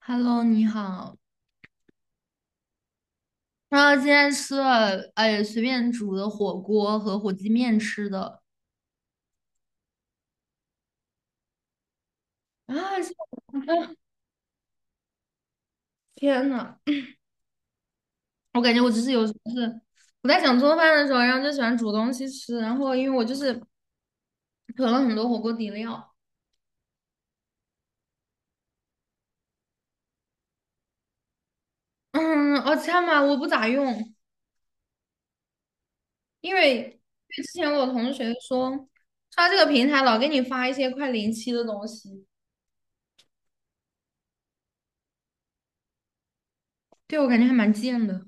Hello，你好。然后今天吃了，哎，随便煮的火锅和火鸡面吃的。啊，这啊天呐，我感觉我就是有时候是我在想做饭的时候，然后就喜欢煮东西吃。然后我就是囤了很多火锅底料。这样嘛我不咋用，因为之前我同学说，他这个平台老给你发一些快临期的东西，对我感觉还蛮贱的。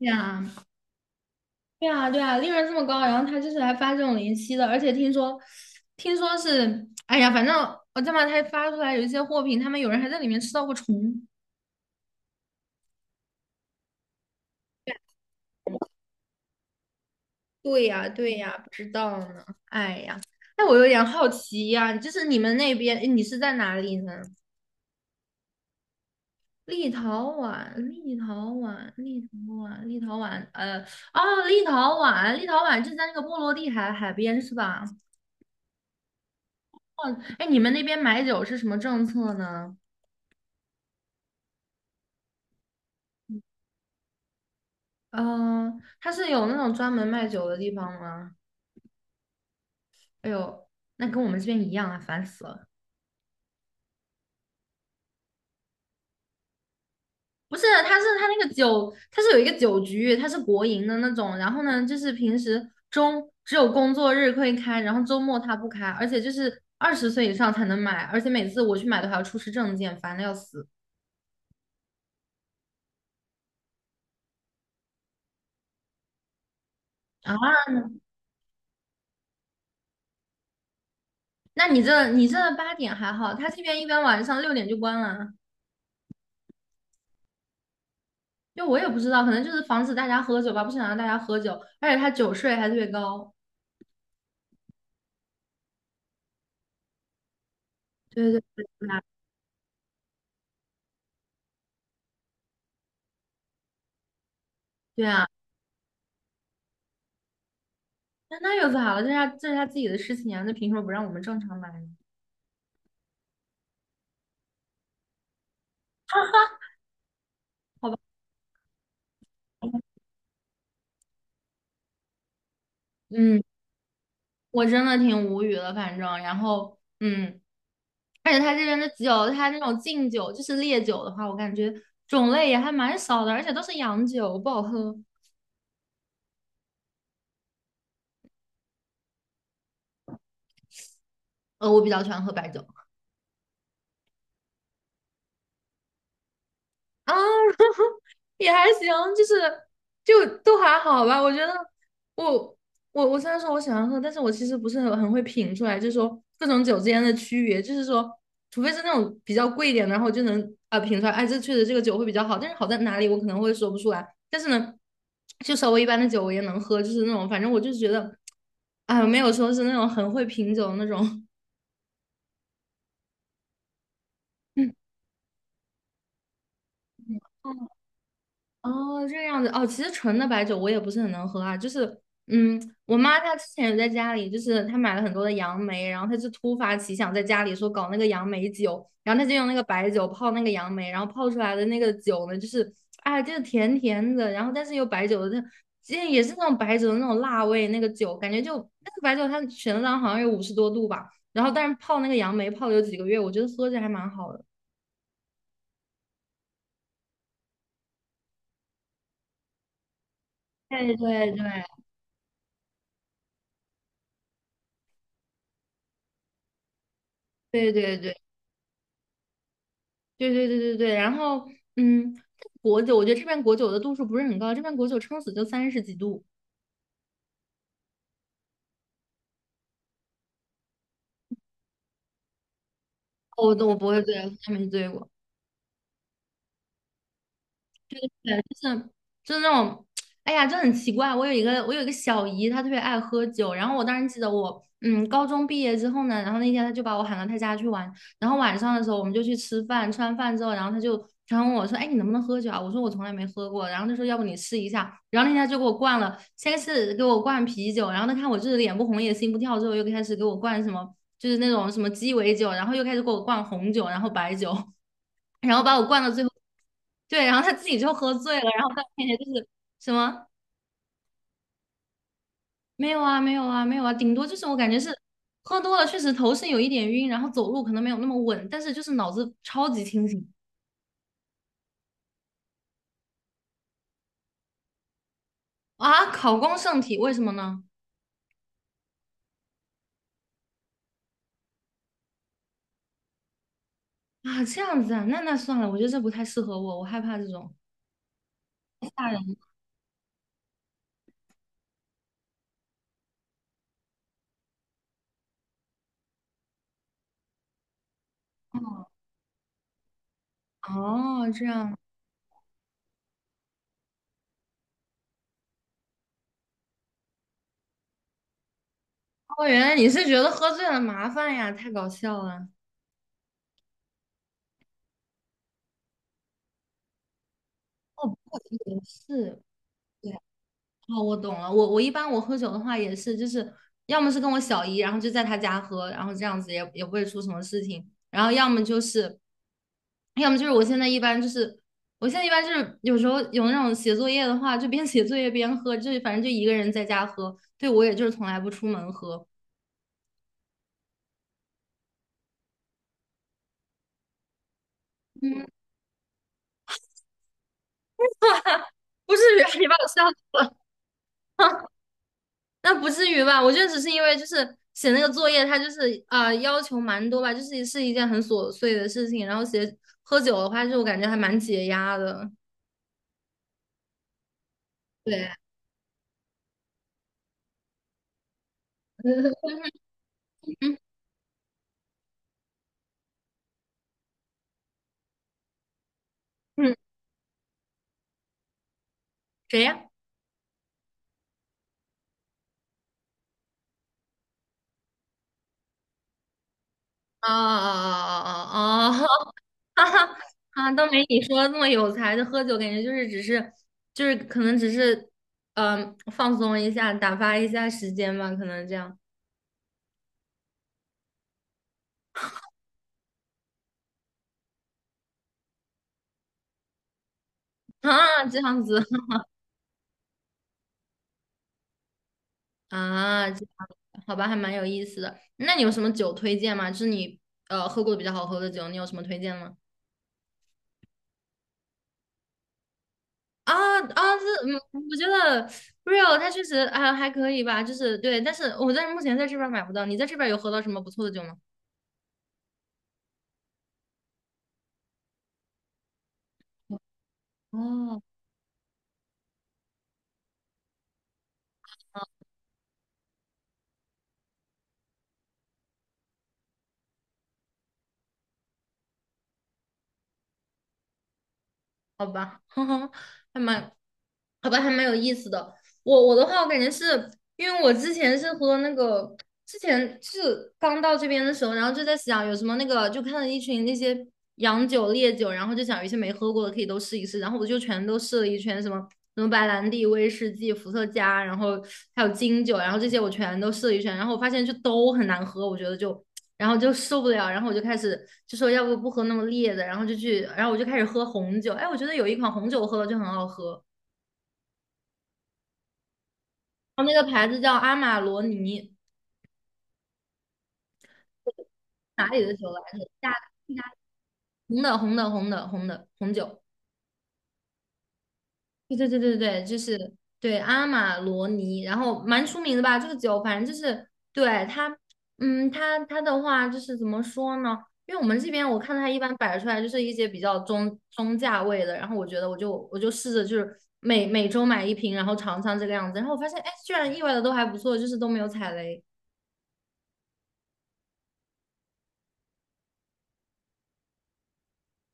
呀。对啊，对啊，利润这么高，然后他就是来发这种零息的，而且听说是，哎呀，反正我这么他发出来有一些货品，他们有人还在里面吃到过虫。对呀，对呀，不知道呢。哎呀，那我有点好奇呀，就是你们那边，哎你是在哪里呢？立陶宛,哦，立陶宛就在那个波罗的海海边是吧？哎，你们那边买酒是什么政策呢？嗯，他是有那种专门卖酒的地方吗？哎呦，那跟我们这边一样啊，烦死了。不是，他那个酒，他是有一个酒局，他是国营的那种。然后呢，就是平时中只有工作日可以开，然后周末他不开，而且就是20岁以上才能买，而且每次我去买都还要出示证件，烦的要死。啊！那你这8点还好，他这边一般晚上6点就关了。就我也不知道，可能就是防止大家喝酒吧，不想让大家喝酒，而且他酒税还特别高。对对对，对啊，那那有啥了？这是他自己的事情啊，那凭什么不让我们正常买呢？好吧，嗯，我真的挺无语的，反正，然后，嗯，而且他这边的酒，他那种敬酒，就是烈酒的话，我感觉种类也还蛮少的，而且都是洋酒，不好喝。呃，我比较喜欢喝白酒。啊，也还行，就是就都还好吧。我觉得我我虽然说我喜欢喝，但是我其实不是很会品出来，就是说各种酒之间的区别，就是说，除非是那种比较贵一点的，然后我就能品出来，哎，这确实这个酒会比较好，但是好在哪里我可能会说不出来。但是呢，就稍微一般的酒我也能喝，就是那种反正我就觉得，哎，没有说是那种很会品酒的那种。嗯。哦，这个样子哦，其实纯的白酒我也不是很能喝啊，就是，嗯，我妈她之前有在家里，就是她买了很多的杨梅，然后她就突发奇想在家里说搞那个杨梅酒，然后她就用那个白酒泡那个杨梅，然后泡出来的那个酒呢，就是，哎，就是甜甜的，然后但是又白酒的，这也是那种白酒的那种辣味，那个酒感觉就那个白酒它全量好像有50多度吧，然后但是泡那个杨梅泡了有几个月，我觉得喝着还蛮好的。对对对对对对对,然后嗯，果酒，我觉得这边果酒的度数不是很高，这边果酒撑死就30几度。哦我不会醉，从来没醉过。对，就是那种，哎呀，就很奇怪。我有一个小姨，她特别爱喝酒。然后我当时记得我，嗯，高中毕业之后呢，然后那天她就把我喊到她家去玩。然后晚上的时候我们就去吃饭，吃完饭之后，然后她问我说：“哎，你能不能喝酒啊？”我说：“我从来没喝过。”然后她说：“要不你试一下。”然后那天她就给我灌了，先是给我灌啤酒，然后她看我就是脸不红也心不跳，之后又开始给我灌什么，就是那种什么鸡尾酒，然后又开始给我灌红酒，然后白酒。然后把我灌到最后，对，然后他自己就喝醉了，然后在我面前就是什么。没有啊，没有啊，没有啊，顶多就是我感觉是喝多了，确实头是有一点晕，然后走路可能没有那么稳，但是就是脑子超级清醒。啊，考公圣体，为什么呢？啊，这样子啊，那那算了，我觉得这不太适合我，我害怕这种大人。哦，这样，哦，原来你是觉得喝醉了麻烦呀，太搞笑了。哦，不过也是，对。哦，我懂了。我一般我喝酒的话也是，就是要么是跟我小姨，然后就在她家喝，然后这样子也不会出什么事情。然后要么就是，要么就是我现在一般就是，我现在一般就是有时候有那种写作业的话，就边写作业边喝，就是反正就一个人在家喝。对，我也就是从来不出门喝。嗯，不至于啊，你把我笑死了。那不至于吧？我觉得只是因为就是写那个作业，它就是啊要求蛮多吧，就是是一件很琐碎的事情。然后写喝酒的话，就我感觉还蛮解压的。对，嗯嗯，谁呀？啊啊啊啊啊！哈哈。啊，都没你说的那么有才。的。喝酒，感觉就是只是可能只是放松一下，打发一下时间吧，可能这样啊这样子。啊，这样好吧，还蛮有意思的。那你有什么酒推荐吗？就是你喝过的比较好喝的酒，你有什么推荐吗？啊啊，这嗯，我觉得 Real 它确实啊还可以吧，就是对，但是我目前在这边儿买不到，你在这边儿有喝到什么不错的酒吗？哦，好吧，哼哼，还蛮，好吧，还蛮有意思的。我的话，我感觉是因为我之前是喝那个之前是刚到这边的时候，然后就在想有什么那个，就看到一群那些洋酒、烈酒，然后就想有一些没喝过的可以都试一试，然后我就全都试了一圈，什么白兰地、威士忌、伏特加，然后还有金酒，然后这些我全都试了一圈，然后我发现就都很难喝，我觉得就。然后就受不了，然后我就开始就说要不不喝那么烈的，然后就去，然后我就开始喝红酒。哎，我觉得有一款红酒我喝了就很好喝，然后那个牌子叫阿玛罗尼。哪里的酒来着？红的红酒。对,就是对阿玛罗尼，然后蛮出名的吧？这个酒，反正就是对它，嗯，它的话就是怎么说呢？因为我们这边我看它一般摆出来就是一些比较中价位的，然后我觉得我就试着就是每周买一瓶，然后尝尝这个样子，然后我发现哎，居然意外的都还不错，就是都没有踩雷。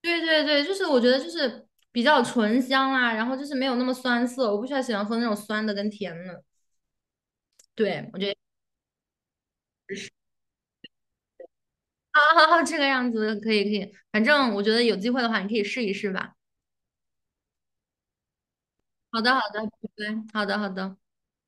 对对对，就是我觉得就是比较醇香啦，然后就是没有那么酸涩，我不喜欢喝那种酸的跟甜的，对我觉得。好好好，这个样子可以可以，反正我觉得有机会的话，你可以试一试吧。好的好的，拜拜。好的好的。